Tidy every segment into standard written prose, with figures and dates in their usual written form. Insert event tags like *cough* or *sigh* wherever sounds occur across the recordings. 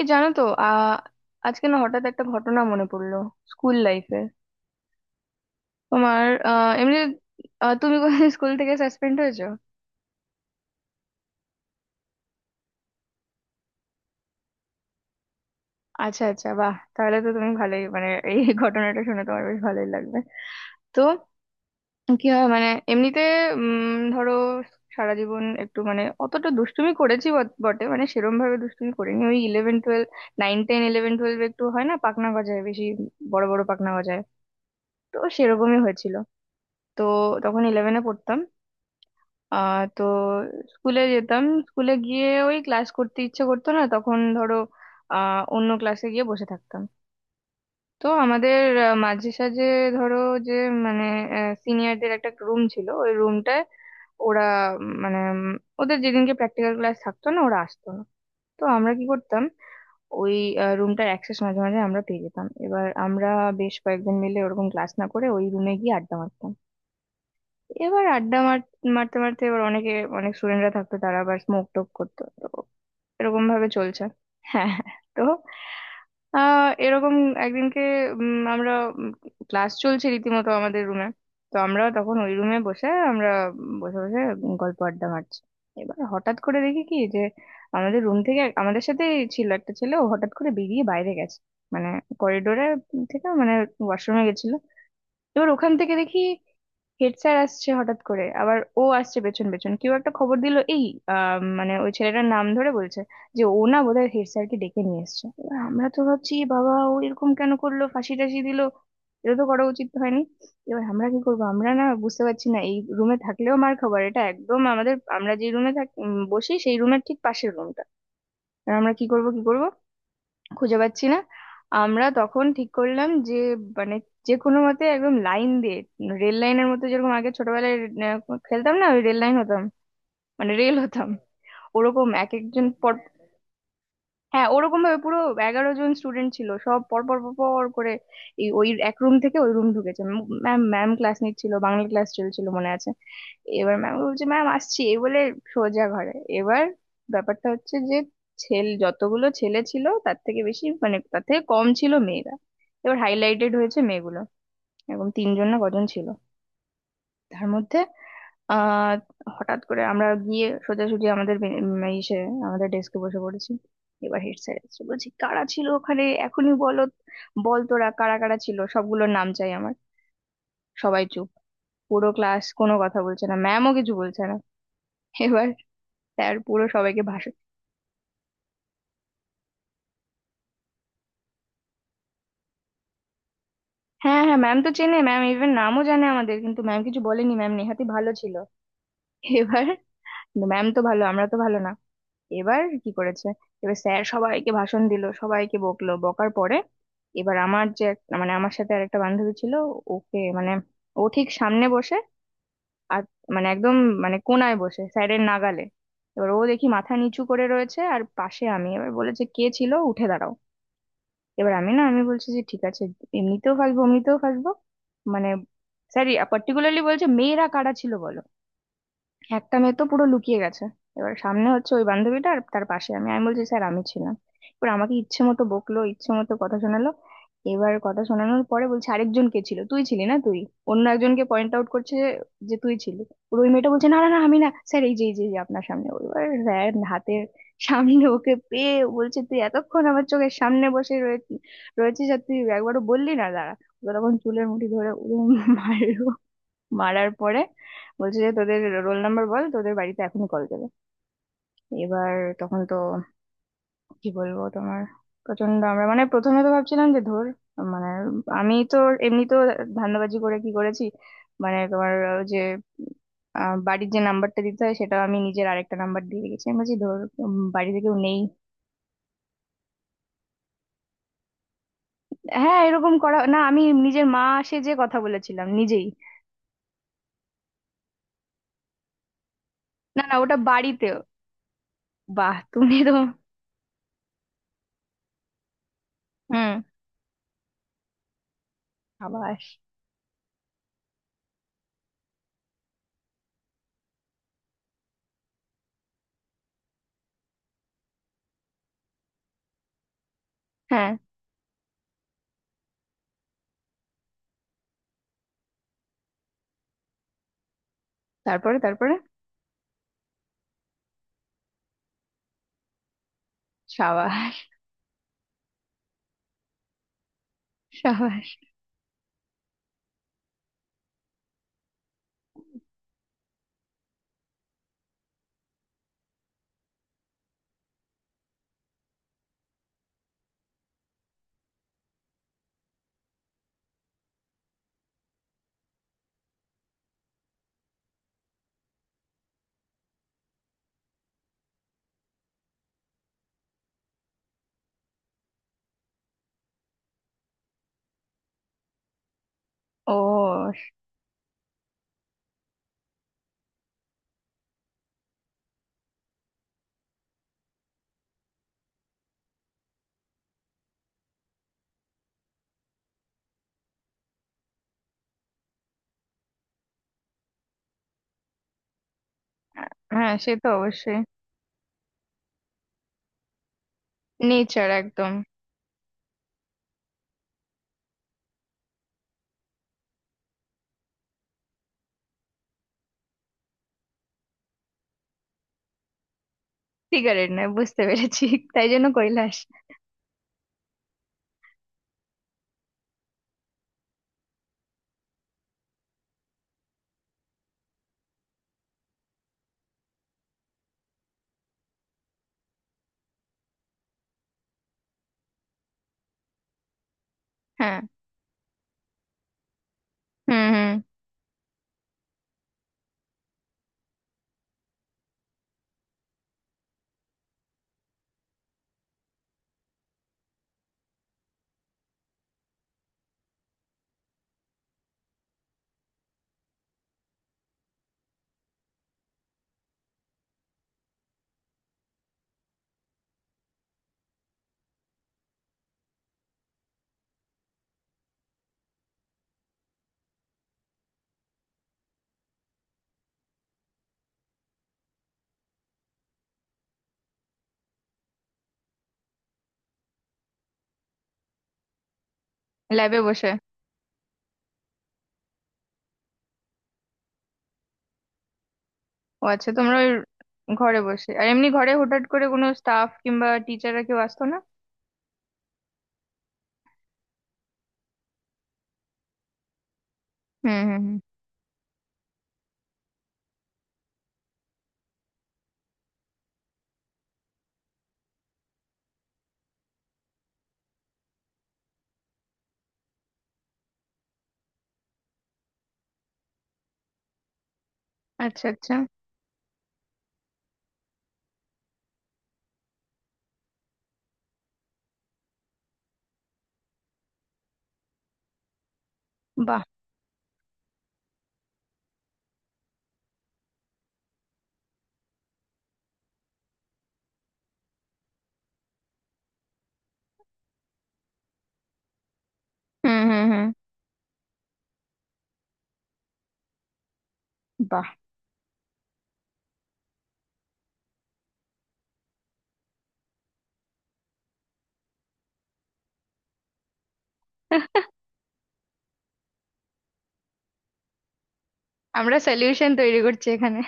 এ, জানো তো আজকে না হঠাৎ একটা ঘটনা মনে পড়লো, স্কুল লাইফে। তোমার এমনি তুমি স্কুল থেকে সাসপেন্ড হয়েছো? আচ্ছা আচ্ছা, বাহ, তাহলে তো তুমি ভালোই, মানে এই *laughs* ঘটনাটা শুনে তোমার বেশ ভালোই লাগবে। তো কি হয় মানে এমনিতে, ধরো সারা জীবন একটু, মানে অতটা দুষ্টুমি করেছি বটে, মানে সেরম ভাবে দুষ্টুমি করিনি। ওই eleven twelve, nine ten eleven twelve একটু হয় না, পাকনা গজায় বেশি, বড় বড় পাকনা গজায়। তো সেরকমই হয়েছিল। তো তখন ইলেভেনে পড়তাম, তো স্কুলে যেতাম। স্কুলে গিয়ে ওই ক্লাস করতে ইচ্ছে করতো না তখন, ধরো অন্য ক্লাসে গিয়ে বসে থাকতাম। তো আমাদের মাঝে সাঝে ধরো যে, মানে সিনিয়রদের একটা রুম ছিল। ওই রুমটায় ওরা উম, মানে উম, ওদের যেদিনকে প্র্যাকটিক্যাল ক্লাস থাকতো না ওরা আসতো না। তো আমরা কি করতাম, ওই রুমটার অ্যাক্সেস মাঝে মাঝে আমরা পেয়ে যেতাম। এবার আমরা বেশ কয়েকজন মিলে ওরকম ক্লাস না করে ওই রুমে গিয়ে আড্ডা মারতাম। এবার আড্ডা মারতে মারতে এবার অনেক স্টুডেন্টরা থাকতো, তারা আবার স্মোক টোক করতো। তো এরকম ভাবে চলছে। হ্যাঁ। তো এরকম একদিনকে আমরা, ক্লাস চলছে রীতিমতো আমাদের রুমে, তো আমরা তখন ওই রুমে বসে বসে বসে গল্প আড্ডা মারছি। এবার হঠাৎ করে দেখি কি যে, আমাদের রুম থেকে আমাদের সাথে ছিল একটা ছেলে, ও হঠাৎ করে বেরিয়ে বাইরে গেছে, মানে করিডোরে থেকে, মানে ওয়াশরুমে গেছিল। এবার ওখান থেকে দেখি হেড স্যার আসছে হঠাৎ করে, আবার ও আসছে পেছন পেছন। কেউ একটা খবর দিল এই, মানে ওই ছেলেটার নাম ধরে বলছে যে ও না বোধহয় হেড স্যারকে ডেকে নিয়ে এসছে। এবার আমরা তো ভাবছি, "এ বাবা, ও এরকম কেন করলো, ফাঁসি টাসি দিল, এটা তো করা উচিত হয়নি।" এবার আমরা কি করবো, আমরা না বুঝতে পারছি না, এই রুমে থাকলেও মার খাবার। এটা একদম আমাদের, আমরা যে রুমে থাকি বসি সেই রুমের ঠিক পাশের রুমটা। আমরা কি করব কি করব খুঁজে পাচ্ছি না। আমরা তখন ঠিক করলাম যে, মানে, যে কোনো মতে একদম লাইন দিয়ে, রেল লাইনের মতো, যেরকম আগে ছোটবেলায় আহ, খেলতাম না ওই, রেল লাইন হতাম, মানে রেল হতাম, ওরকম এক একজন পর। হ্যাঁ, ওরকম ভাবে পুরো 11 জন স্টুডেন্ট ছিল সব, পর পর পর পর করে এই, ওই এক রুম থেকে ওই রুম ঢুকেছে। ম্যাম ম্যাম ক্লাস নিচ্ছিল, বাংলা ক্লাস চলছিল মনে আছে। এবার ম্যাম বলছে, "ম্যাম আসছি" এই বলে সোজা ঘরে। এবার ব্যাপারটা হচ্ছে যে, ছেলে যতগুলো ছেলে ছিল তার থেকে বেশি, মানে তার থেকে কম ছিল মেয়েরা। এবার হাইলাইটেড হয়েছে মেয়েগুলো, এরকম তিনজন না কজন ছিল তার মধ্যে। আহ হঠাৎ করে আমরা গিয়ে সোজাসুজি আমাদের ইসে আমাদের ডেস্কে বসে পড়েছি। এবার হেড স্যার এসে বলছি, "কারা ছিল ওখানে এখনই বলো, বল তোরা কারা কারা ছিল, সবগুলোর নাম চাই আমার।" সবাই চুপ, পুরো ক্লাস কোনো কথা বলছে না, ম্যামও কিছু বলছে না। *laughs* এবার স্যার পুরো সবাইকে ভাষণ। হ্যাঁ হ্যাঁ, ম্যাম তো চেনে, ম্যাম ইভেন নামও জানে আমাদের, কিন্তু ম্যাম কিছু বলেনি, ম্যাম নেহাতি ভালো ছিল। *laughs* এবার ম্যাম তো ভালো, আমরা তো ভালো না। এবার কি করেছে, এবার স্যার সবাইকে ভাষণ দিল, সবাইকে বকলো, বকার পরে, এবার আমার যে মানে আমার সাথে আর একটা বান্ধবী ছিল, ওকে মানে, ও ঠিক সামনে বসে আর, মানে একদম মানে কোনায় বসে স্যারের নাগালে। এবার ও দেখি মাথা নিচু করে রয়েছে আর পাশে আমি। এবার বলেছে, "কে ছিল উঠে দাঁড়াও।" এবার আমি না, আমি বলছি যে ঠিক আছে, এমনিতেও ফাঁসবো, এমনিতেও ফাঁসবো, মানে। স্যার পার্টিকুলারলি বলছে, "মেয়েরা কারা ছিল বলো।" একটা মেয়ে তো পুরো লুকিয়ে গেছে। এবার সামনে হচ্ছে ওই বান্ধবীটা আর তার পাশে আমি আমি বলছি, "স্যার আমি ছিলাম।" এবার আমাকে ইচ্ছে মতো বকলো, ইচ্ছে মতো কথা শোনালো। এবার কথা শোনানোর পরে বলছে, "আরেকজন কে ছিল, তুই ছিলি না, তুই।" অন্য একজনকে পয়েন্ট আউট করছে যে, "তুই ছিলি।" এবার ওই মেয়েটা বলছে, "না না না, আমি না স্যার, এই যে এই যে এই যে আপনার সামনে।" এবার স্যার হাতের সামনে ওকে পেয়ে বলছে, "তুই এতক্ষণ আমার চোখের সামনে বসে রয়েছিস আর তুই একবারও বললি না, দাঁড়া।" ও তখন চুলের মুঠি ধরে মারলো। মারার পরে বলছে যে, "তোদের রোল নাম্বার বল, তোদের বাড়িতে এখনই কল যাবে।" এবার তখন তো কি বলবো তোমার, প্রচন্ড আমরা মানে প্রথমে তো ভাবছিলাম যে ধর, মানে, আমি তো এমনি তো ধান্দাবাজি করে কি করেছি, মানে, তোমার ওই যে বাড়ির যে নাম্বারটা দিতে হয় সেটা আমি নিজের আরেকটা নাম্বার দিয়ে রেখেছি। আমি বলছি ধর, বাড়িতে কেউ নেই। হ্যাঁ, এরকম করা না, আমি নিজের মা, সে যে কথা বলেছিলাম নিজেই। না না, ওটা বাড়িতেও। বাহ তুমি তো। হুম। আবার। হ্যাঁ, তারপরে তারপরে। সাবাস। সাবাস। ও। হ্যাঁ সে তো অবশ্যই। নেচার একদম। সিগারেট নয়, বুঝতে পেরেছি। তাই জন্য কৈলাস। হ্যাঁ। হুম হুম। ল্যাবে বসে। ও আচ্ছা, তোমরা ওই ঘরে বসে আর এমনি ঘরে হঠাৎ করে কোনো স্টাফ কিংবা টিচাররা কেউ আসতো না? হুম হুম হুম। আচ্ছা আচ্ছা। বাহ। হুম হুম হুম। বাহ। *laughs* আমরা সলিউশন তৈরি করছি এখানে।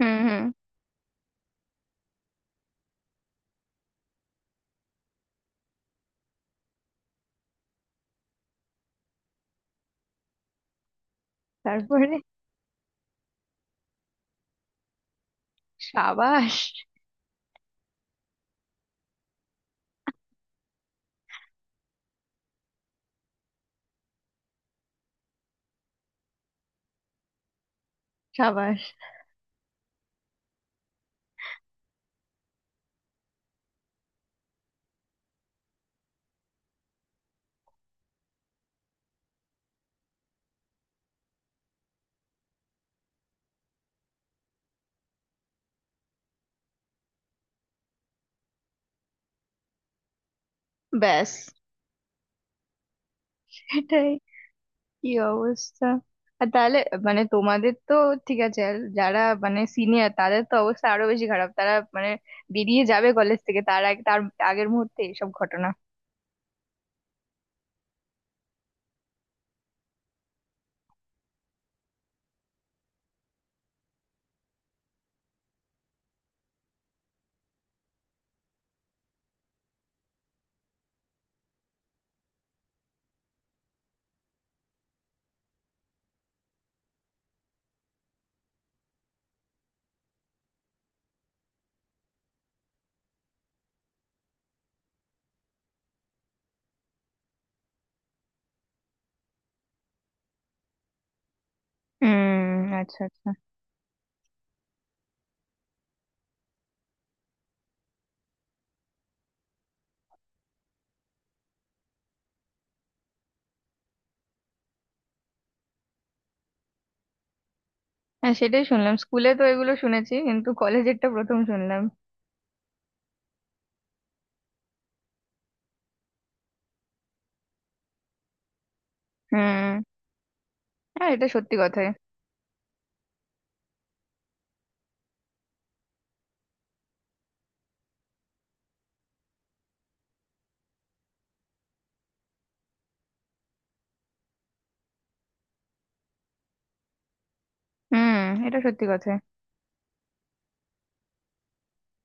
হুম হুম। তারপরে। সাবাস। সাবাস। ব্যাস। এটাই। কি অবস্থা! আর তাহলে, মানে তোমাদের তো, ঠিক আছে আর যারা, মানে সিনিয়র, তাদের তো অবস্থা আরো বেশি খারাপ। তারা মানে বেরিয়ে যাবে কলেজ থেকে, তার আগে, তার আগের মুহূর্তে এইসব ঘটনা। হুম। আচ্ছা আচ্ছা। হ্যাঁ সেটাই শুনলাম, স্কুলে তো এগুলো শুনেছি কিন্তু কলেজেরটা প্রথম শুনলাম। হুম। হ্যাঁ, এটা সত্যি কথাই। হুম। এটা সত্যি কথা।